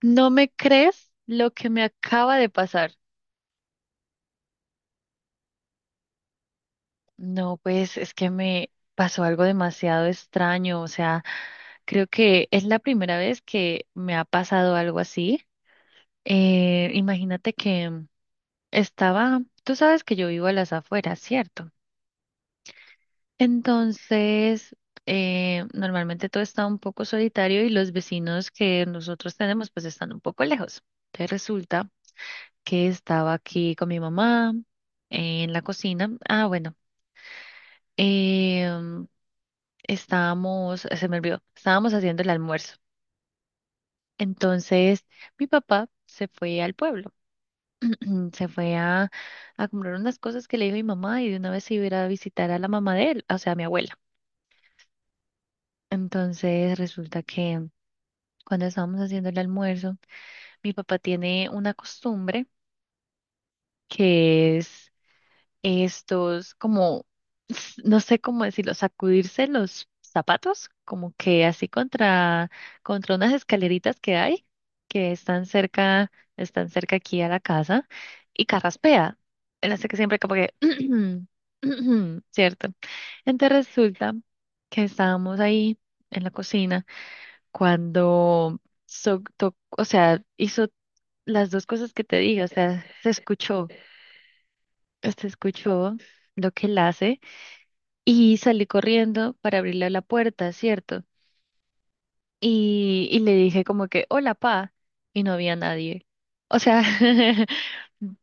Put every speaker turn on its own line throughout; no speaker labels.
¿No me crees lo que me acaba de pasar? No, pues es que me pasó algo demasiado extraño. O sea, creo que es la primera vez que me ha pasado algo así. Imagínate que tú sabes que yo vivo a las afueras, ¿cierto? Entonces, normalmente todo está un poco solitario y los vecinos que nosotros tenemos pues están un poco lejos. Te resulta que estaba aquí con mi mamá en la cocina. Ah, bueno, em, se me olvidó, estábamos haciendo el almuerzo. Entonces, mi papá se fue al pueblo, se fue a comprar unas cosas que le dijo mi mamá y de una vez se iba a ir a visitar a la mamá de él, o sea, a mi abuela. Entonces, resulta que cuando estábamos haciendo el almuerzo, mi papá tiene una costumbre que es estos, como, no sé cómo decirlo, sacudirse los zapatos, como que así contra unas escaleritas que hay, que están cerca aquí a la casa, y carraspea. Él hace que siempre como que, ¿cierto? Entonces resulta que estábamos ahí en la cocina cuando, o sea, hizo las dos cosas que te dije, o sea, se escuchó lo que él hace. Y salí corriendo para abrirle la puerta, ¿cierto? Y le dije como que, hola, pa, y no había nadie. O sea,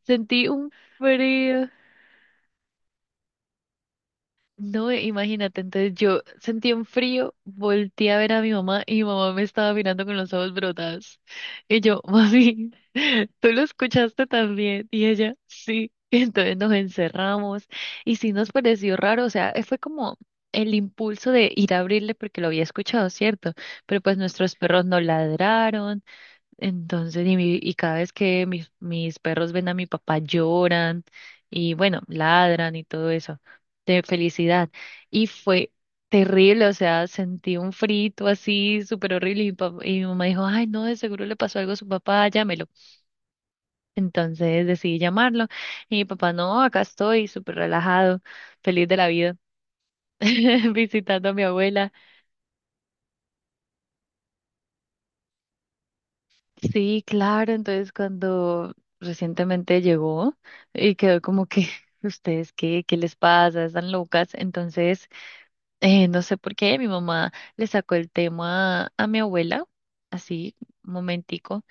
sentí un frío. No, imagínate, entonces yo sentí un frío, volteé a ver a mi mamá y mi mamá me estaba mirando con los ojos brotados. Y yo, mami, ¿tú lo escuchaste también? Y ella, sí. Y entonces nos encerramos y sí nos pareció raro, o sea, fue como el impulso de ir a abrirle porque lo había escuchado, ¿cierto? Pero pues nuestros perros no ladraron, entonces, y cada vez que mis perros ven a mi papá lloran y bueno, ladran y todo eso de felicidad. Y fue terrible, o sea, sentí un frito así súper horrible y y mi mamá dijo, ay, no, de seguro le pasó algo a su papá, llámelo. Entonces decidí llamarlo y mi papá, no, acá estoy súper relajado, feliz de la vida, visitando a mi abuela. Sí, claro. Entonces, cuando recientemente llegó y quedó como que, ¿ustedes qué? ¿Qué les pasa? ¿Están locas? Entonces, no sé por qué mi mamá le sacó el tema a mi abuela, así, un momentico,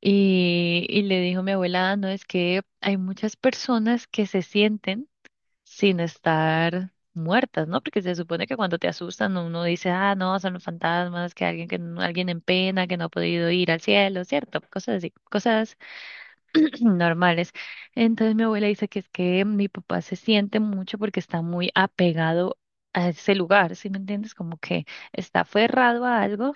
y le dijo a mi abuela, "Ah, no, es que hay muchas personas que se sienten sin estar muertas, ¿no? Porque se supone que cuando te asustan uno dice, ah, no, son los fantasmas, que alguien, que no- alguien en pena, que no ha podido ir al cielo, ¿cierto? Cosas así, cosas normales. Entonces mi abuela dice que es que mi papá se siente mucho porque está muy apegado a ese lugar, ¿sí me entiendes? Como que está aferrado a algo.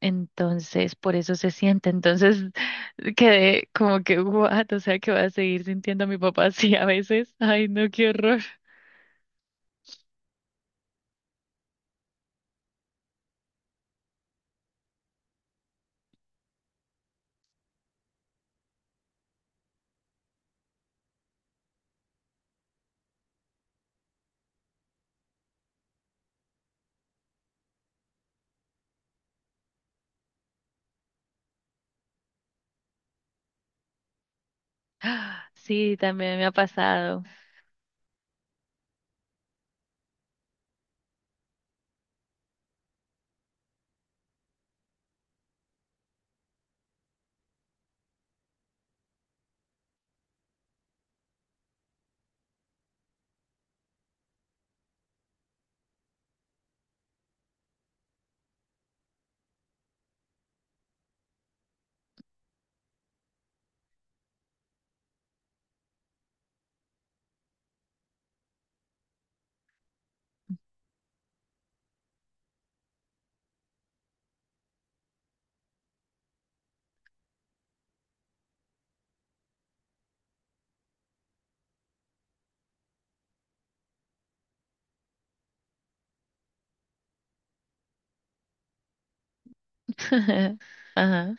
Entonces, por eso se siente. Entonces, quedé como que, what, o sea, que voy a seguir sintiendo a mi papá así a veces. Ay, no, qué horror. ¡Ah! Sí, también me ha pasado. Ajá.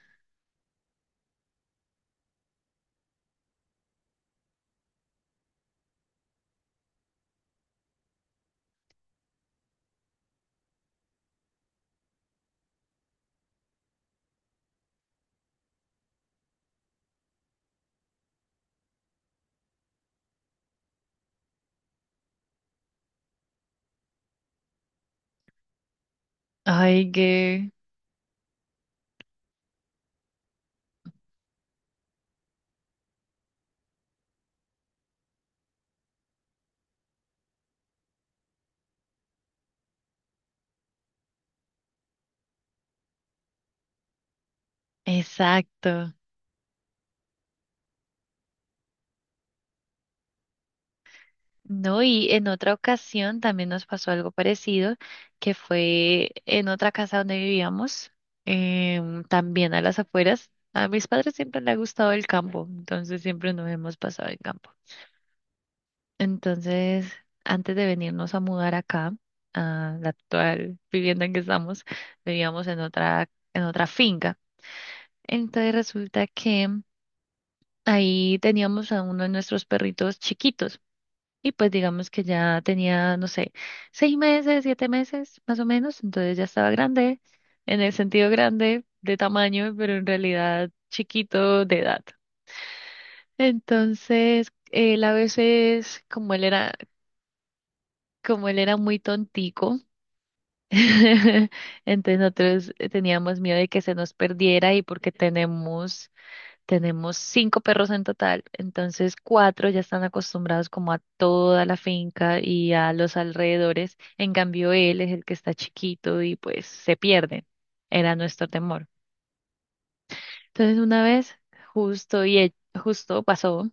Ay, qué. Exacto. No, y en otra ocasión también nos pasó algo parecido, que fue en otra casa donde vivíamos, también a las afueras. A mis padres siempre les ha gustado el campo, entonces siempre nos hemos pasado el campo. Entonces, antes de venirnos a mudar acá, a la actual vivienda en que estamos, vivíamos en otra finca. Entonces resulta que ahí teníamos a uno de nuestros perritos chiquitos y pues digamos que ya tenía, no sé, 6 meses, 7 meses más o menos, entonces ya estaba grande, en el sentido grande de tamaño, pero en realidad chiquito de edad. Entonces, él a veces, como él era muy tontico, entonces nosotros teníamos miedo de que se nos perdiera y porque tenemos Tenemos cinco perros en total, entonces cuatro ya están acostumbrados como a toda la finca y a los alrededores. En cambio, él es el que está chiquito y pues se pierde. Era nuestro temor. Entonces, una vez justo y e- justo pasó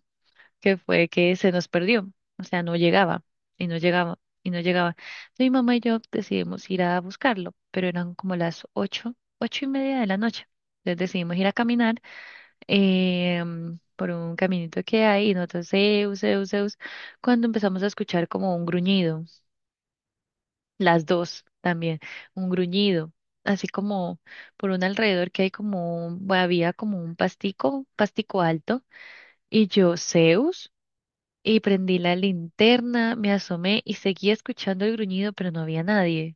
que fue que se nos perdió, o sea, no llegaba y no llegaba y no llegaba. Mi mamá y yo decidimos ir a buscarlo, pero eran como las ocho, 8:30 de la noche. Entonces decidimos ir a caminar por un caminito que hay y nosotros, Zeus, Zeus, Zeus, cuando empezamos a escuchar como un gruñido, las dos también, un gruñido, así como por un alrededor que hay como, un- bueno, había como un pastico alto, y yo, Zeus, y prendí la linterna, me asomé y seguía escuchando el gruñido, pero no había nadie.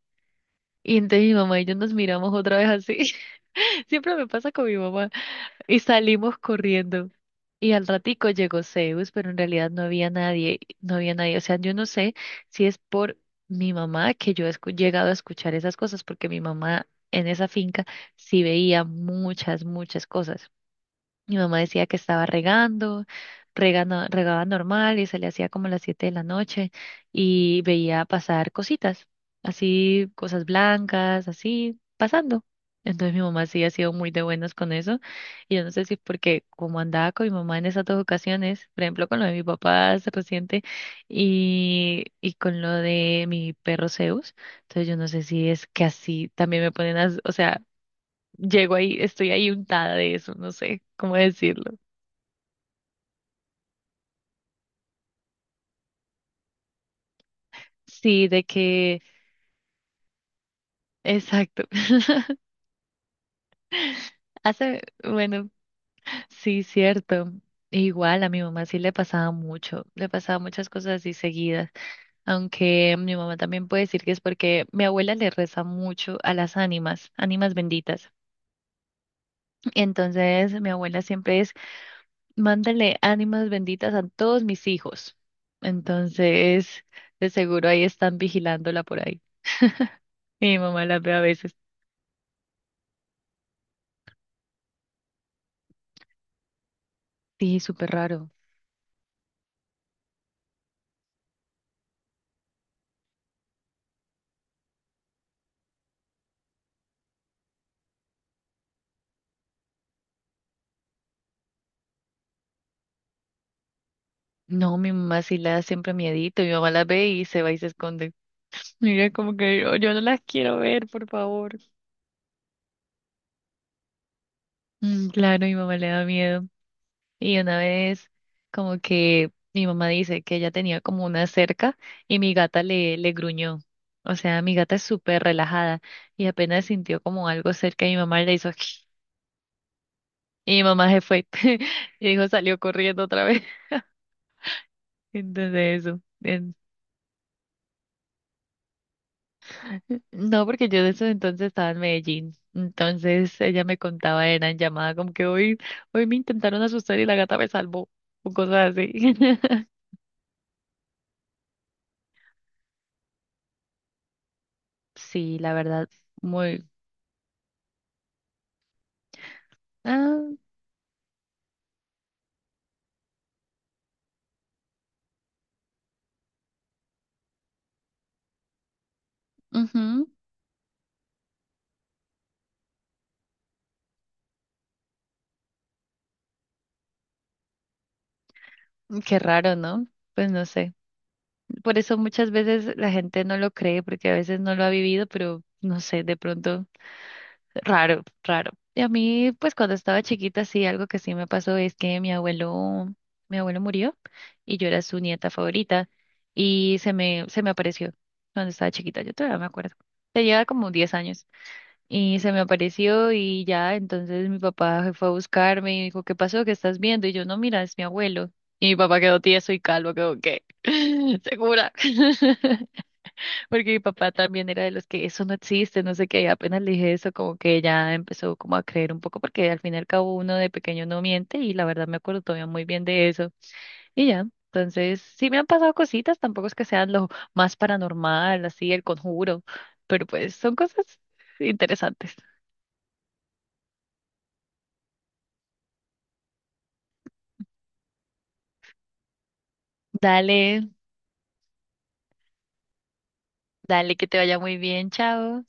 Y entonces mi mamá y yo nos miramos otra vez así. Siempre me pasa con mi mamá. Y salimos corriendo. Y al ratico llegó Zeus, pero en realidad no había nadie, no había nadie. O sea, yo no sé si es por mi mamá que yo he escu- llegado a escuchar esas cosas, porque mi mamá en esa finca sí veía muchas, muchas cosas. Mi mamá decía que estaba regando, regaba normal y se le hacía como las 7 de la noche y veía pasar cositas, así, cosas blancas, así, pasando. Entonces mi mamá sí ha sido muy de buenas con eso y yo no sé si porque como andaba con mi mamá en esas dos ocasiones, por ejemplo con lo de mi papá hace reciente y con lo de mi perro Zeus, entonces yo no sé si es que así también me ponen a, o sea, llego ahí, estoy ahí untada de eso, no sé cómo decirlo. Sí, de que, exacto. Hace, bueno, sí, cierto. Igual a mi mamá sí le pasaba mucho, le pasaba muchas cosas así seguidas, aunque mi mamá también puede decir que es porque mi abuela le reza mucho a las ánimas, ánimas benditas. Entonces mi abuela siempre es, mándale ánimas benditas a todos mis hijos. Entonces, de seguro ahí están vigilándola por ahí. Y mi mamá las ve a veces. Sí, súper raro. No, mi mamá sí le da siempre miedito. Mi mamá las ve y se va y se esconde. Mira, como que yo no las quiero ver, por favor. Mm, claro, mi mamá le da miedo. Y una vez, como que mi mamá dice que ella tenía como una cerca y mi gata le, le gruñó. O sea, mi gata es súper relajada y apenas sintió como algo cerca y mi mamá le hizo y mi mamá se fue y dijo salió corriendo otra vez. Entonces eso. No, porque yo de esos entonces estaba en Medellín. Entonces ella me contaba, era en llamada, como que hoy me intentaron asustar y la gata me salvó, o cosas así. Sí, la verdad, muy... Ah, ujú, qué raro, ¿no? Pues no sé. Por eso muchas veces la gente no lo cree, porque a veces no lo ha vivido, pero no sé, de pronto raro, raro. Y a mí, pues cuando estaba chiquita, sí, algo que sí me pasó es que mi abuelo murió y yo era su nieta favorita y se me apareció cuando estaba chiquita, yo todavía me acuerdo. Tenía como 10 años y se me apareció y ya, entonces mi papá fue a buscarme y dijo, ¿qué pasó? ¿Qué estás viendo? Y yo, no, mira, es mi abuelo. Y mi papá quedó tieso y calvo, quedó, ¿qué? ¿Segura? Porque mi papá también era de los que eso no existe, no sé qué, y apenas le dije eso, como que ya empezó como a creer un poco, porque al fin y al cabo uno de pequeño no miente, y la verdad me acuerdo todavía muy bien de eso. Y ya, entonces sí me han pasado cositas, tampoco es que sean lo más paranormal, así el conjuro, pero pues son cosas interesantes. Dale, dale, que te vaya muy bien, chao.